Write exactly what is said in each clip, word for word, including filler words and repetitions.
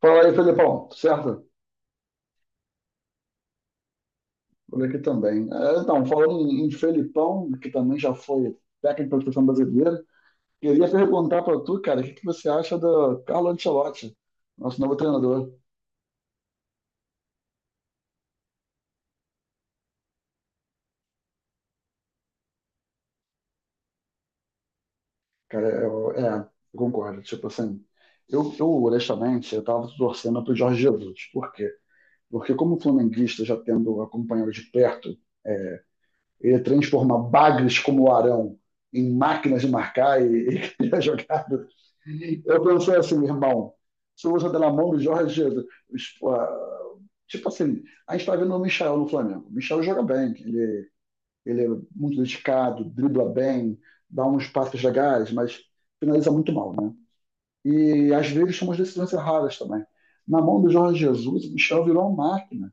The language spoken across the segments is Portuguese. Fala aí, Felipão, certo? Por aqui também. É, então, falando em, em Felipão, que também já foi técnico da seleção brasileira, queria perguntar para tu, cara, o que, que você acha do Carlo Ancelotti, nosso novo treinador? Cara, eu, é, eu concordo. Tipo assim, eu, eu honestamente, eu tava torcendo pro Jorge Jesus. Por quê? Porque como flamenguista, já tendo acompanhado de perto é, ele transforma bagres como o Arão em máquinas de marcar e, e criar jogada. Eu pensei assim, irmão, se usa da mão do Jorge Jesus. Tipo assim, a gente está vendo o Michel no Flamengo. O Michel joga bem, ele, ele é muito dedicado, dribla bem, dá uns passes legais, mas finaliza muito mal, né? E às vezes toma decisões erradas também. Na mão do Jorge Jesus, o Michel virou uma máquina.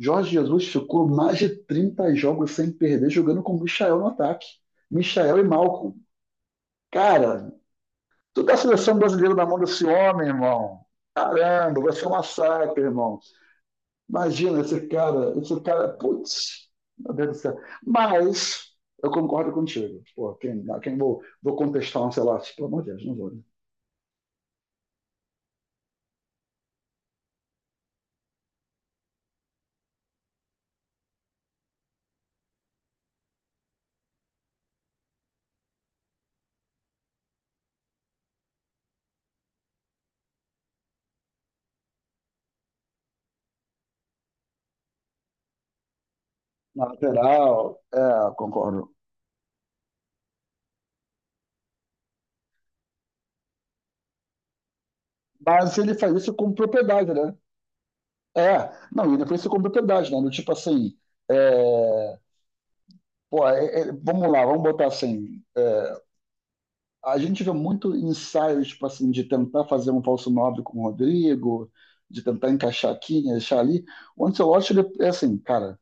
Jorge Jesus ficou mais de trinta jogos sem perder, jogando com o Michael no ataque. Michael e Malcolm. Cara, toda a seleção brasileira na mão desse homem, irmão. Caramba, vai ser um massacre, irmão. Imagina esse cara, esse cara, putz, meu Deus do céu. Mas eu concordo contigo. Pô, quem, quem vou, vou contestar um Ancelotti? Pelo amor de Deus, não vou, né. Na lateral, é, concordo. Mas ele faz isso com propriedade, né? É, não, ele faz isso com propriedade, né? Do tipo assim, é, Pô, é- é- vamos lá, vamos botar assim. é, A gente vê muito ensaios, tipo assim, de tentar fazer um falso nobre com o Rodrigo, de tentar encaixar aqui, encaixar ali. O Ancelotti, ele é assim, cara,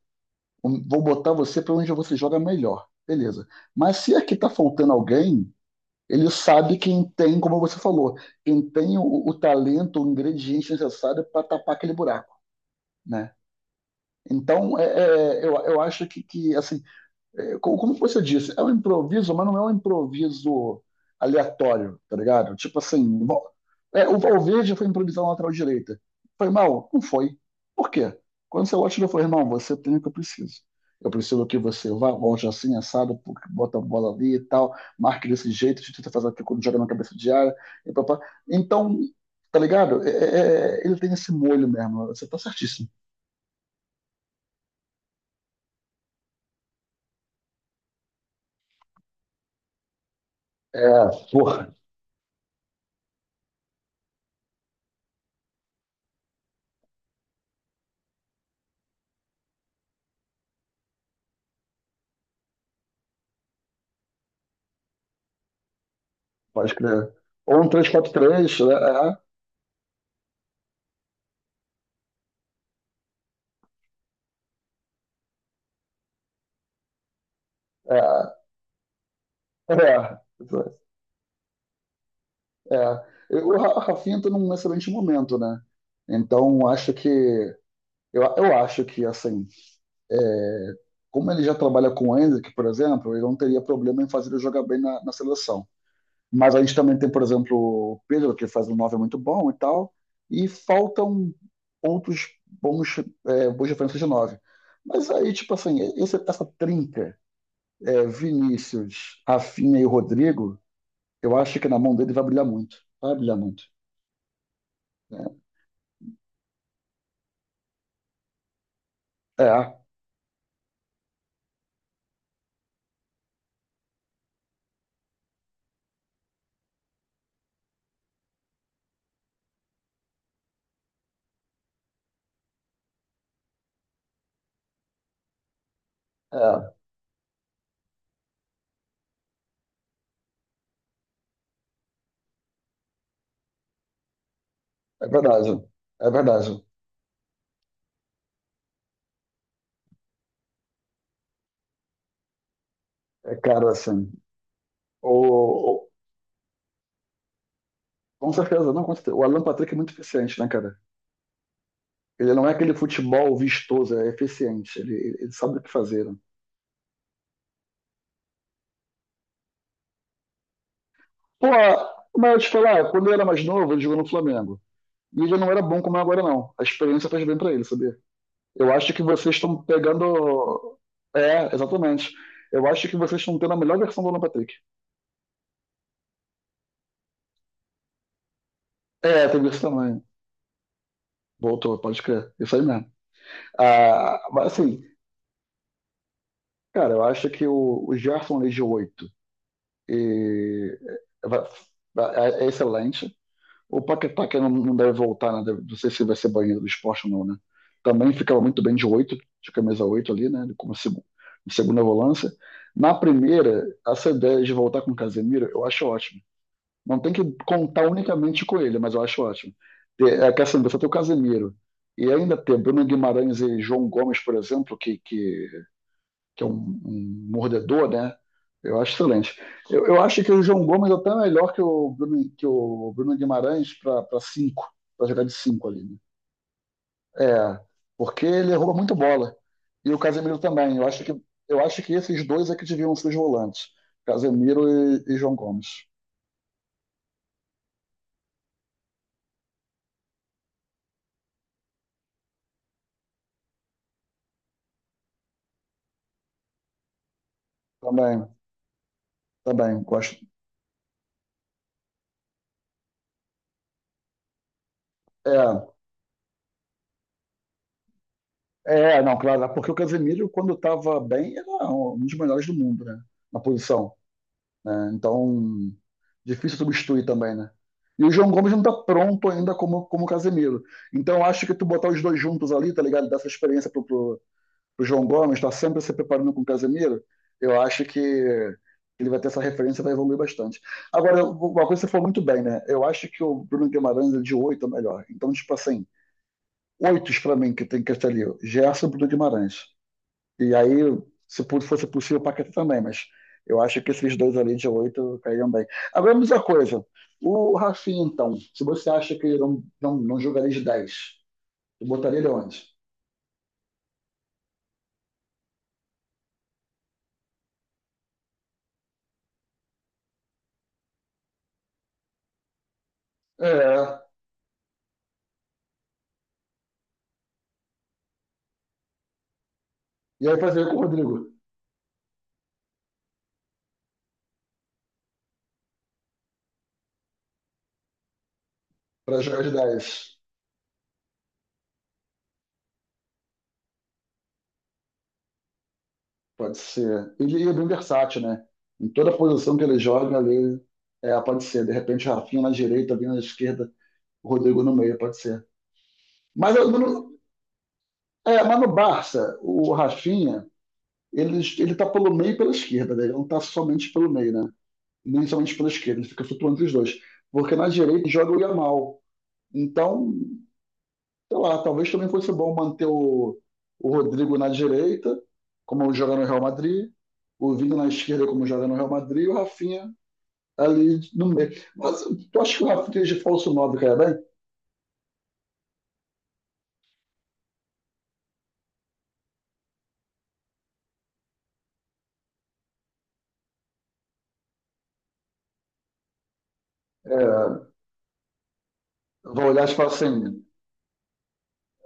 um- vou botar você para onde você joga melhor. Beleza. Mas se aqui tá faltando alguém, ele sabe quem tem, como você falou, quem tem o, o talento, o ingrediente necessário para tapar aquele buraco, né? Então, é, é, eu, eu acho que, que assim, é, co- como você disse, é um improviso, mas não é um improviso aleatório, tá ligado? Tipo assim, vo- é, o Valverde foi improvisar na lateral direita. Foi mal? Não foi. Por quê? Quando você olha, ele falou, irmão, você tem o que eu preciso. Eu preciso que você vá, volte assim, assado, pô, bota a bola ali e tal, marque desse jeito, tenta fazer aquilo quando joga na cabeça de área. E papá. Então, tá ligado? É- é- é- ele tem esse molho mesmo, você tá certíssimo. É, porra, pode crer. Ou um três quatro três, né? É, é, é. O Ra- Rafinha está num excelente momento, né? Então, acho que... Eu, eu acho que assim, é, como ele já trabalha com o Endrick, por exemplo, ele não teria problema em fazer ele jogar bem na, na seleção. Mas a gente também tem, por exemplo, o Pedro, que faz um nove muito bom e tal. E faltam outros bons, é, boas referências de nove. Mas aí, tipo assim, esse- essa trinca, é, Vinícius, Rafinha e Rodrigo, eu acho que na mão dele vai brilhar muito. Vai brilhar muito. É, é, é verdade. É verdade. É, cara, assim. O, o- com certeza, não, com certeza. O Alan Patrick é muito eficiente, né, cara? Ele não é aquele futebol vistoso, é eficiente. Ele, ele ele sabe o que fazer, né? Pô, mas eu te falar, quando ele era mais novo, ele jogou no Flamengo. E ele não era bom como é agora, não. A experiência faz bem pra ele, sabia? Eu acho que vocês estão pegando. É, exatamente. Eu acho que vocês estão tendo a melhor versão do Alan Patrick. É, tem isso também. Voltou, pode crer. Isso aí mesmo. Ah, mas assim, cara, eu acho que o, o Gerson League oito e- é, é é excelente. O Paquetá, que não, não deve voltar, né? Deve- Não sei se vai ser banido do esporte ou não, né? Também ficava muito bem de oito, de camisa oito ali, né? Como seg- segunda volância. Na primeira, essa ideia de voltar com o Casemiro, eu acho ótimo. Não tem que contar unicamente com ele, mas eu acho ótimo. Ter- É que assim, você tem o Casemiro e ainda ter Bruno Guimarães e João Gomes, por exemplo, que, que, que é um, um mordedor, né? Eu acho excelente. Eu, eu acho que o João Gomes até é melhor que o Bruno, que o Bruno Guimarães para cinco, para jogar de cinco ali, né? É, porque ele rouba muita bola. E o Casemiro também. Eu acho que, eu acho que esses dois é que deviam ser os volantes. Casemiro e, e João Gomes. Também, também, gosto. É, É, não, claro, porque o Casemiro, quando estava bem, era um dos melhores do mundo, né? Na posição, né? Então, difícil substituir também, né? E o João Gomes não está pronto ainda como, como o Casemiro. Então, eu acho que tu botar os dois juntos ali, tá ligado? Dessa experiência pro, pro, pro João Gomes, tá sempre se preparando com o Casemiro, eu acho que ele vai ter essa referência e vai evoluir bastante. Agora, eu- uma coisa que você falou muito bem, né? Eu acho que o Bruno Guimarães é de oito é melhor. Então, tipo assim, oitos pra mim que tem que estar ali. Gerson, Bruno Guimarães. E aí, se pu- fosse possível, o Paquetá também, mas eu acho que esses dois ali de oito cairiam bem. Agora, me diz uma coisa. O Rafinha, então, se você acha que ele não, não, não jogaria de dez, tu botaria ele onde? É. E aí fazer com o Rodrigo, para jogar de dez. Pode ser. Ele é bem versátil, né? Em toda posição que ele joga ali, é, pode ser. De repente, o Rafinha na direita, vindo na esquerda, o Rodrigo no meio, pode ser. Mas, eu não- é, mas no Barça, o Rafinha, Ele, ele tá pelo meio e pela esquerda, né? Ele não tá somente pelo meio, né? Nem somente pela esquerda, ele fica flutuando entre os dois. Porque na direita joga o Yamal. Então, sei lá, talvez também fosse bom manter o, o Rodrigo na direita, como joga no Real Madrid, o Vini na esquerda, como joga no Real Madrid, e o Rafinha ali no meio. Mas tu acha que o Rafinha de falso nove cai bem? É, vai olhar e falar assim...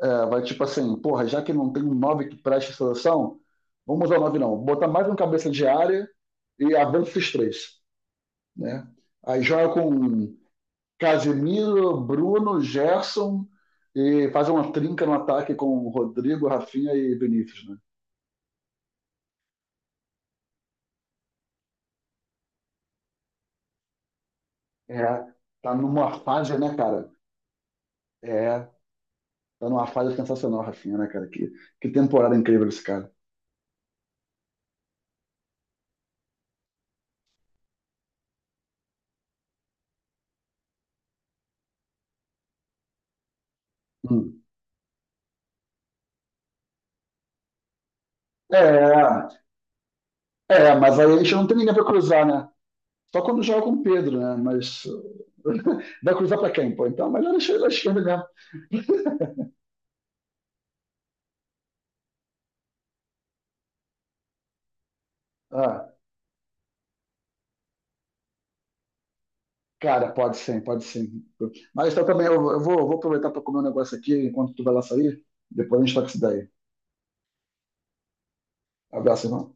É, vai tipo assim, porra, já que não tem um nove que preste seleção, vamos usar o nove não. Botar mais um cabeça de área e avança esses três, né? Aí joga com Casemiro, Bruno, Gerson e faz uma trinca no ataque com Rodrigo, Rafinha e Vinícius, né? É, tá numa fase, né, cara? É, tá numa fase sensacional, Rafinha, né, cara? Que, que temporada incrível esse cara. Hum. É, é, mas aí a gente não tem ninguém pra cruzar, né? Só quando joga com o Pedro, né? Mas vai cruzar para quem, pô? Então, melhor deixar ele à esquerda mesmo. Ah, cara, pode sim, pode sim. Mas tá também, eu, eu vou, eu vou aproveitar para comer um negócio aqui enquanto tu vai lá sair. Depois a gente toca isso daí. Abraço, irmão.